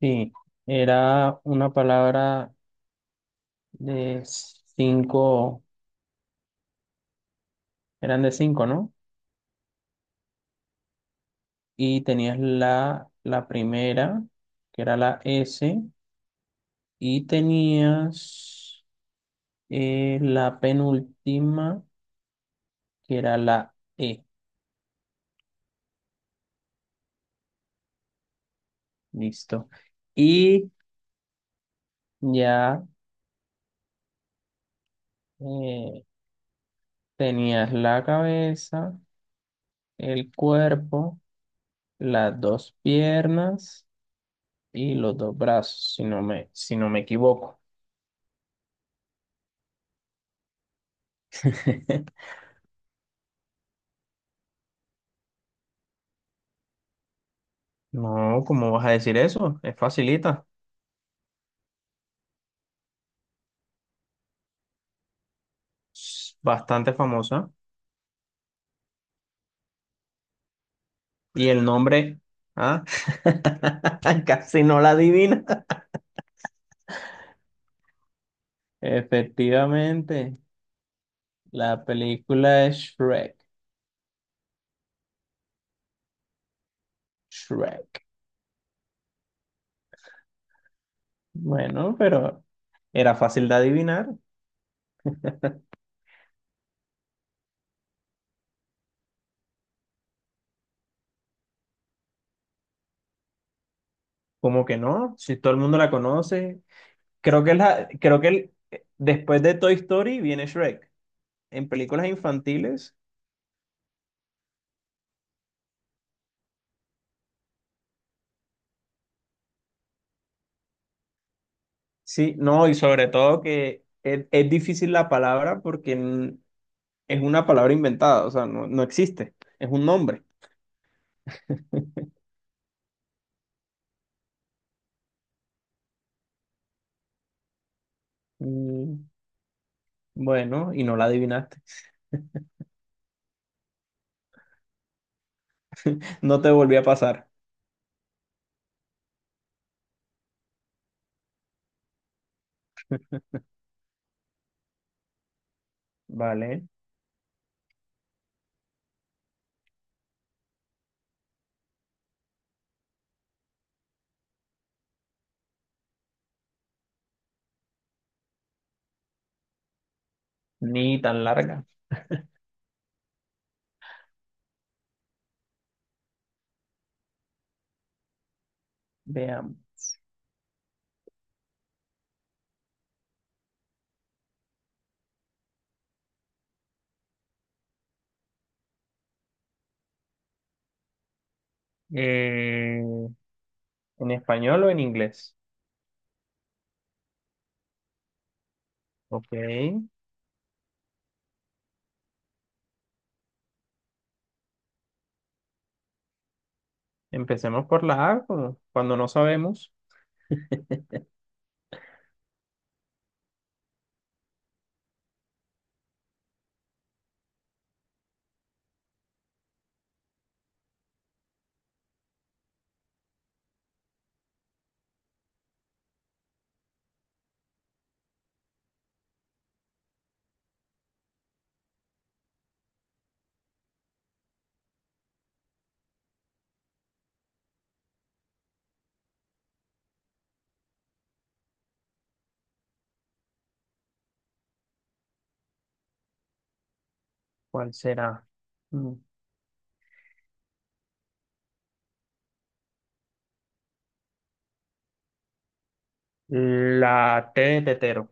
Sí, era una palabra de cinco, eran de cinco, ¿no? Y tenías la primera, que era la S, y tenías la penúltima, que era la E, listo. Y ya eh, tenías la cabeza, el cuerpo, las dos piernas y los dos brazos, si no me equivoco. No, ¿cómo vas a decir eso? Es facilita, es bastante famosa. Y el nombre, ah, casi no la adivina. Efectivamente, la película es Shrek. Shrek. Bueno, pero era fácil de adivinar. ¿Cómo que no? Si todo el mundo la conoce. Creo que es la, creo que el- después de Toy Story viene Shrek. En películas infantiles, sí, no, y sobre todo que es difícil la palabra porque es una palabra inventada, o sea, no, no existe, es un nombre. Mm, bueno, y no la adivinaste. No te volví a pasar, ¿vale? Ni tan larga. Veamos. Eh, ¿En español o en inglés? Ok, empecemos por la A, como cuando no sabemos cuál será. Mm, La T de tetero.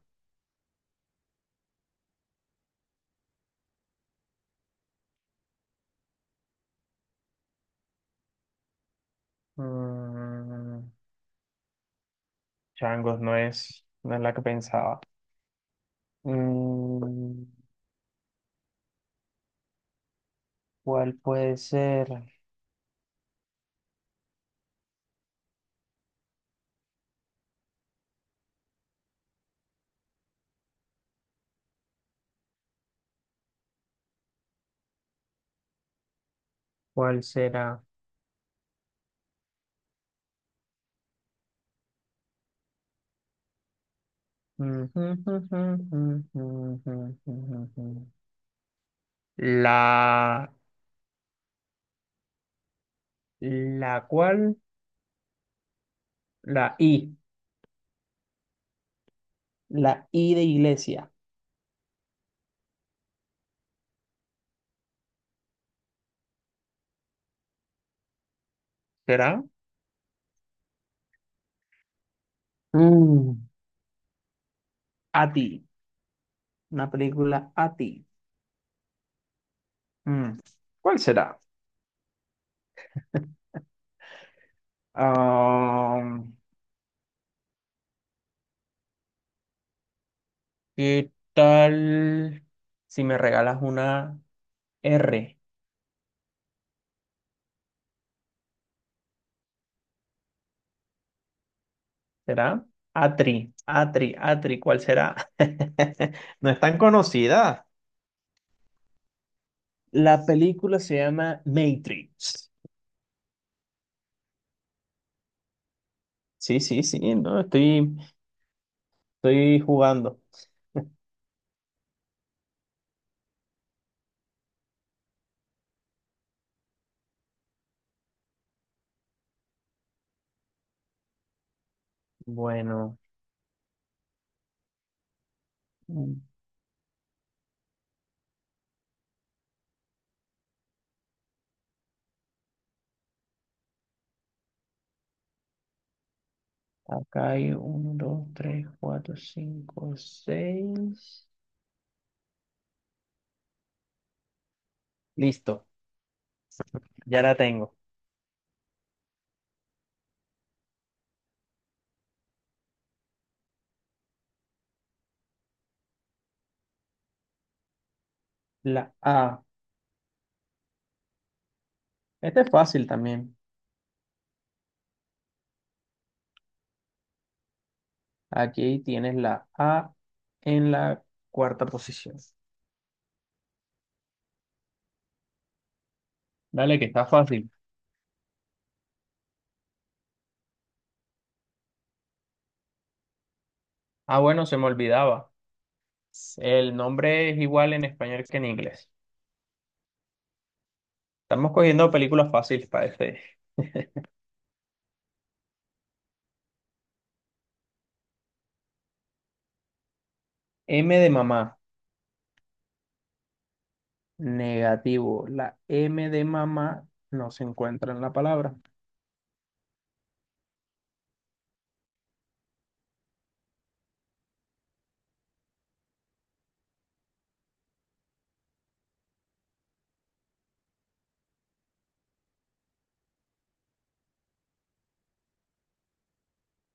Mm, changos, no es la que pensaba. Mm, ¿Cuál puede ser? ¿Cuál será? La, la cual, la I, La I de iglesia. ¿Será? Mm, A ti. Una película a ti. Mm, ¿Cuál será? Ah, ¿qué tal si me regalas una R? ¿Será? Atri, Atri, Atri, ¿cuál será? No es tan conocida. La película se llama Matrix. Sí, sí, sí, no, estoy jugando. Bueno, mm, acá hay uno, dos, tres, cuatro, cinco, seis. Listo, ya la tengo. La A. Este es fácil también. Aquí tienes la A en la cuarta posición. Dale, que está fácil. Ah, bueno, se me olvidaba. El nombre es igual en español que en inglés. Estamos cogiendo películas fáciles para este. M de mamá. Negativo. La M de mamá no se encuentra en la palabra.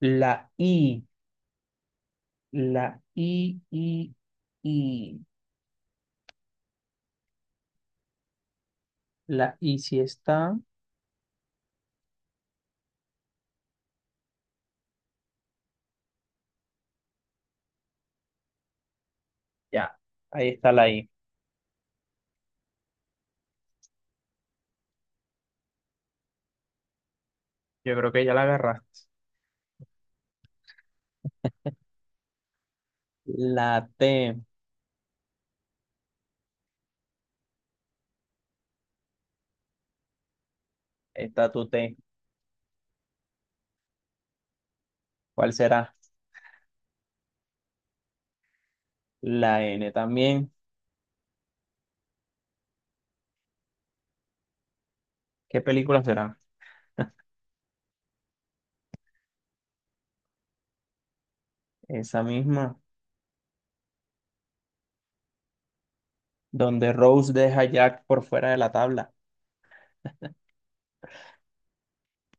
La I, la I, I, I. La I sí está. Ya, ahí está la I. Yo creo que ya la agarraste. La T, ahí está tu T. ¿Cuál será? La N también. ¿Qué película será? Esa misma, donde Rose deja a Jack por fuera de la tabla.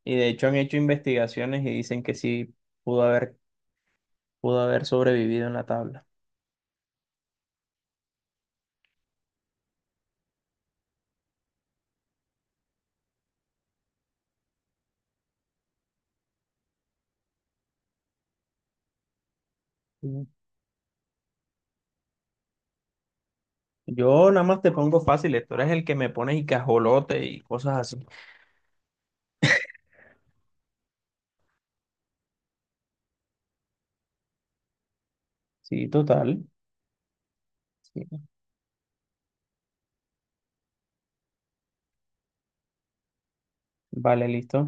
Y de hecho han hecho investigaciones y dicen que sí pudo haber, pudo haber sobrevivido en la tabla. Yo nada más te pongo fácil, tú eres el que me pones y cajolote y cosas así. Sí, total. Sí. Vale, listo.